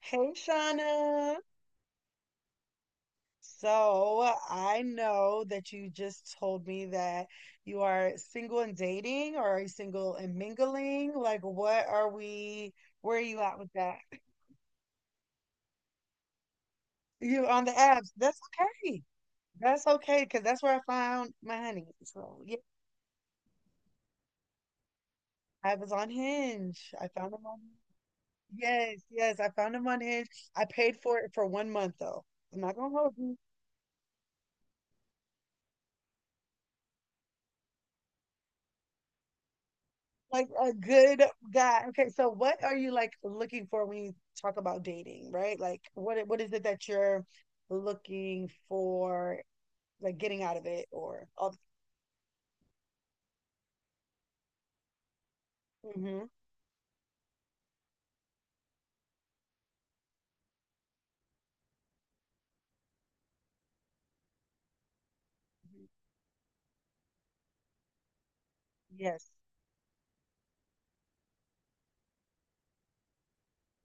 Hey, Shauna. So I know that you just told me that you are single and dating, or are you single and mingling? Like, what are we, where are you at with that? You on the apps. That's okay. That's okay, because that's where I found my honey. So yeah, I was on Hinge. I found him on. Yes, yes, I found him on Hinge. I paid for it for 1 month though. I'm not gonna hold you. Like a good guy. Okay, so what are you like looking for when you talk about dating, right? Like what is it that you're looking for, like getting out of it or all. Mm-hmm. Yes.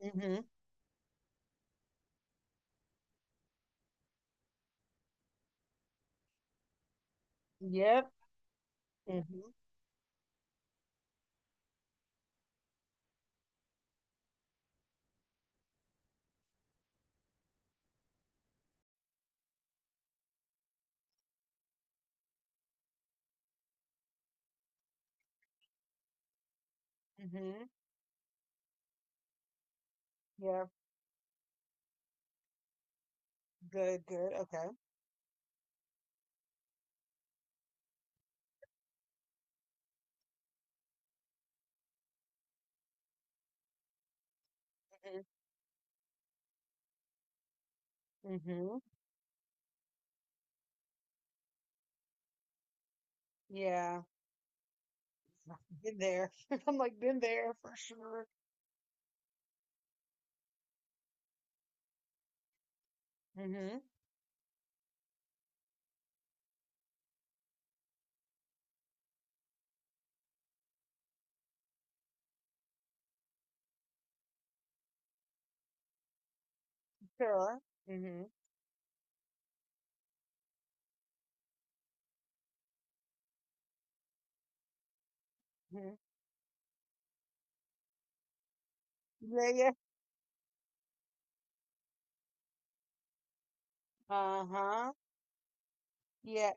Mm-hmm. Yep. Mm-hmm. Mm-hmm. Yep. Good, good. Okay. Mm-hmm. Mm-hmm. Yeah. Been there. I'm like been there for sure. Mm-hmm. Sure. Mm-hmm. Mm-hmm. Yeah, yeah. Uh-huh. Yeah.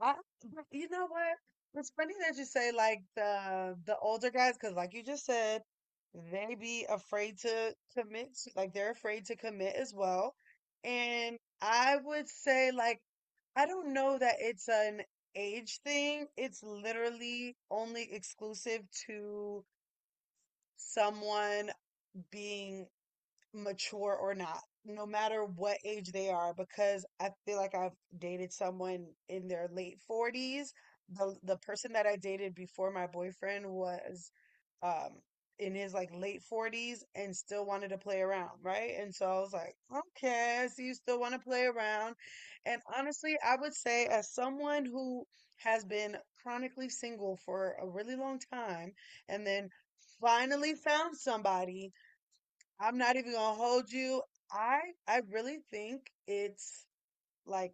I, but you know what? It's funny that you say like the older guys, because like you just said, they be afraid to commit, like they're afraid to commit as well. And I would say like I don't know that it's an age thing. It's literally only exclusive to someone being mature or not, no matter what age they are, because I feel like I've dated someone in their late 40s. The person that I dated before my boyfriend was um in his like late 40s and still wanted to play around, right? And so I was like, okay, so you still want to play around. And honestly, I would say as someone who has been chronically single for a really long time and then finally found somebody. I'm not even gonna hold you. I I really think it's like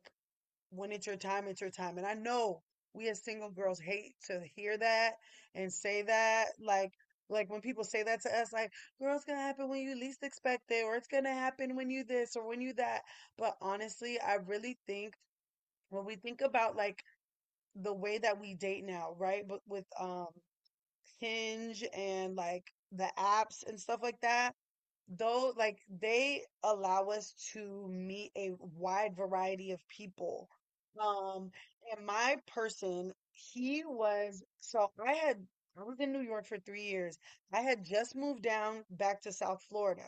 when it's your time, it's your time. And I know we as single girls hate to hear that and say that. Like when people say that to us, like, girl, it's gonna happen when you least expect it, or it's gonna happen when you this or when you that. But honestly, I really think when we think about like the way that we date now, right? But with Hinge and like the apps and stuff like that though like they allow us to meet a wide variety of people, um and my person, he was so, I had I was in New York for 3 years. I had just moved down back to South Florida.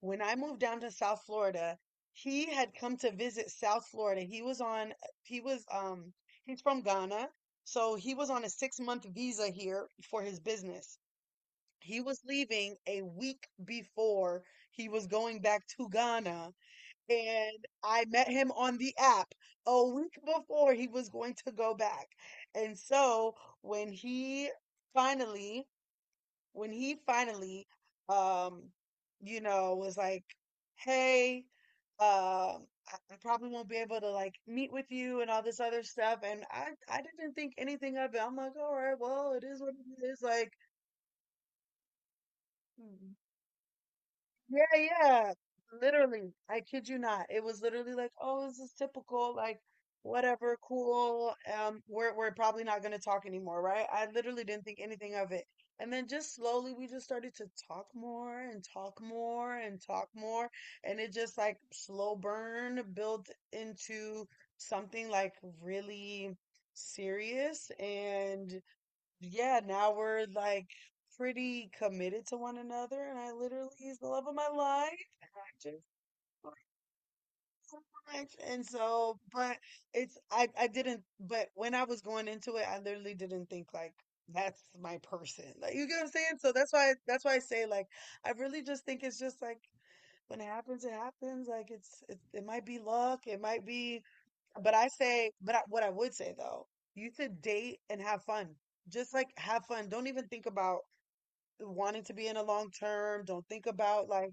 When I moved down to South Florida, he had come to visit South Florida. He was on, he was he's from Ghana, so he was on a 6 month visa here for his business. He was leaving a week before he was going back to Ghana, and I met him on the app a week before he was going to go back. And so when he finally, when he finally, um, you know, was like, "Hey, I probably won't be able to like meet with you and all this other stuff," and I didn't think anything of it. I'm like, "All right, well, it is what it is." Like. Yeah, yeah. Literally, I kid you not. It was literally like, oh, this is typical, like whatever, cool. We're probably not gonna talk anymore, right? I literally didn't think anything of it. And then just slowly we just started to talk more and talk more and talk more. And it just like slow burn built into something like really serious. And yeah, now we're like pretty committed to one another, and I literally he's the love of my life, and I just love him so much. And so, but it's I didn't, but when I was going into it, I literally didn't think like that's my person. Like you get what I'm saying? So that's why I say like I really just think it's just like when it happens, it happens. Like it's it, it might be luck, it might be, but I say, but I, what I would say though, you should date and have fun just like have fun. Don't even think about wanting to be in a long term. Don't think about like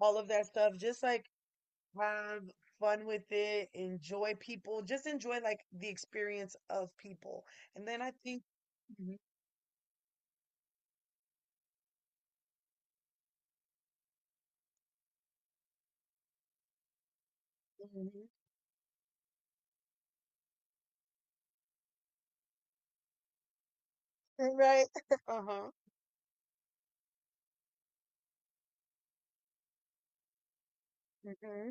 all of that stuff. Just like have fun with it, enjoy people, just enjoy like the experience of people. And then I think, Mhm, mhm. right? Uh-huh. Mm-hmm.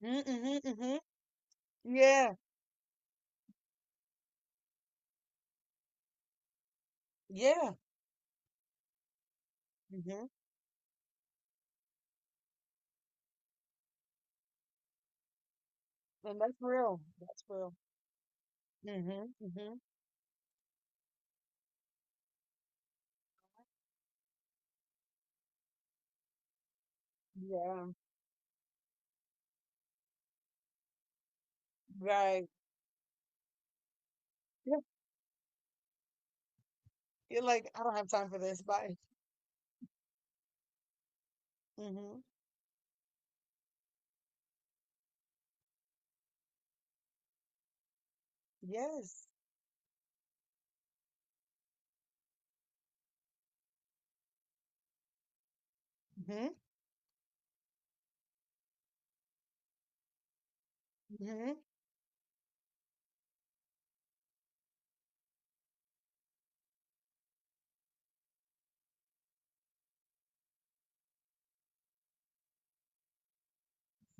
Hmm hmm hmm. Yeah. Yeah. Mm-hmm. And that's real. That's real. Mm-hmm. Mm-hmm. Yeah. Right. Yeah. You're like, I don't have time for this. Bye. Mm-hmm. Yes. Mm-hmm. Mm-hmm.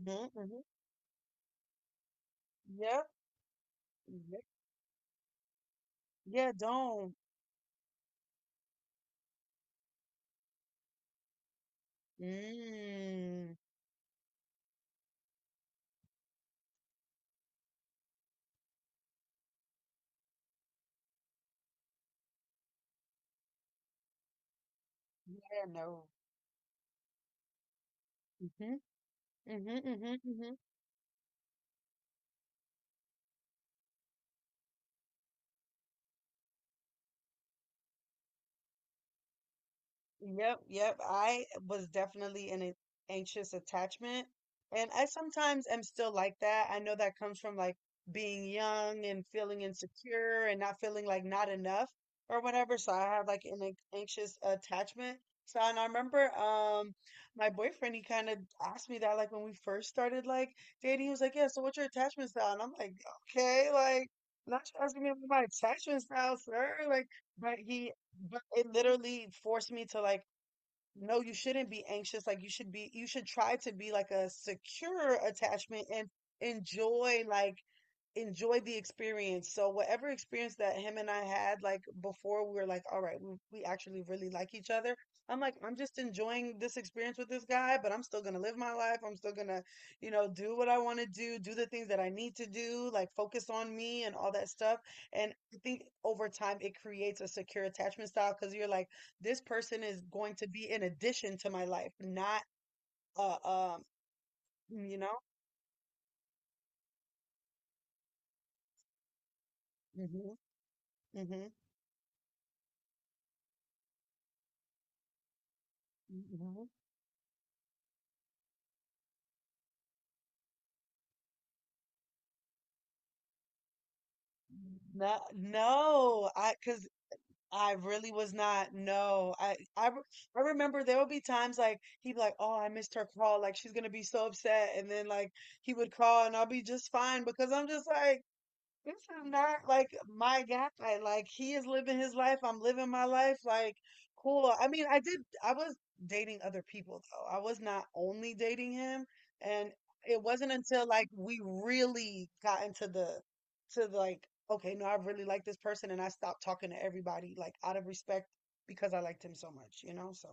Mm-hmm. Mm. Mhm. Yeah, don't. Mm. Yeah, no. Mm-hmm. Mm-hmm. Mm-hmm. Mm-hmm. Yep, yep. I was definitely in an anxious attachment. And I sometimes am still like that. I know that comes from like being young and feeling insecure and not feeling like not enough or whatever. So I have like an anxious attachment. So and I remember my boyfriend, he kind of asked me that like when we first started like dating, he was like, "Yeah, so what's your attachment style?" And I'm like, okay, like not you asking me about my attachment style, sir. Like but he, but it literally forced me to like, no, you shouldn't be anxious. Like you should be, you should try to be like a secure attachment and enjoy like enjoy the experience. So whatever experience that him and I had, like before we were like, all right, we actually really like each other. I'm like, I'm just enjoying this experience with this guy, but I'm still gonna live my life. I'm still gonna, you know, do what I want to do, do the things that I need to do, like focus on me and all that stuff. And I think over time it creates a secure attachment style because you're like, this person is going to be an addition to my life, not uh um, you know? Hmm hmm. No, no, I because I really was not. No, I, I remember there would be times like he'd be like, "Oh, I missed her call. Like she's gonna be so upset," and then like he would call, and I'll be just fine because I'm just like, this is not like my guy. Like he is living his life. I'm living my life. Like cool. I mean, I did. I was dating other people though. I was not only dating him, and it wasn't until like we really got into the, to like okay, no, I really like this person, and I stopped talking to everybody like out of respect because I liked him so much, you know. So.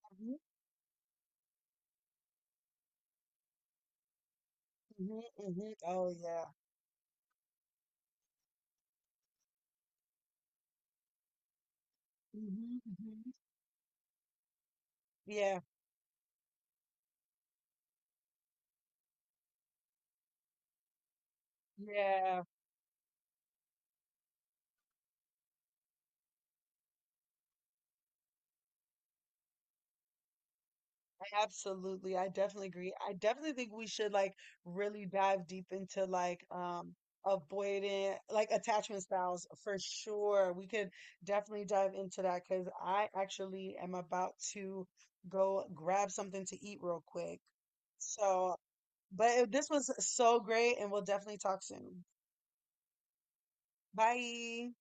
Hmm hmm hmm. Oh yeah. Hmm hmm. Yeah. Yeah. Absolutely. I definitely agree. I definitely think we should like really dive deep into like avoidant like attachment styles for sure. We could definitely dive into that because I actually am about to go grab something to eat real quick. So, but this was so great and we'll definitely talk soon. Bye.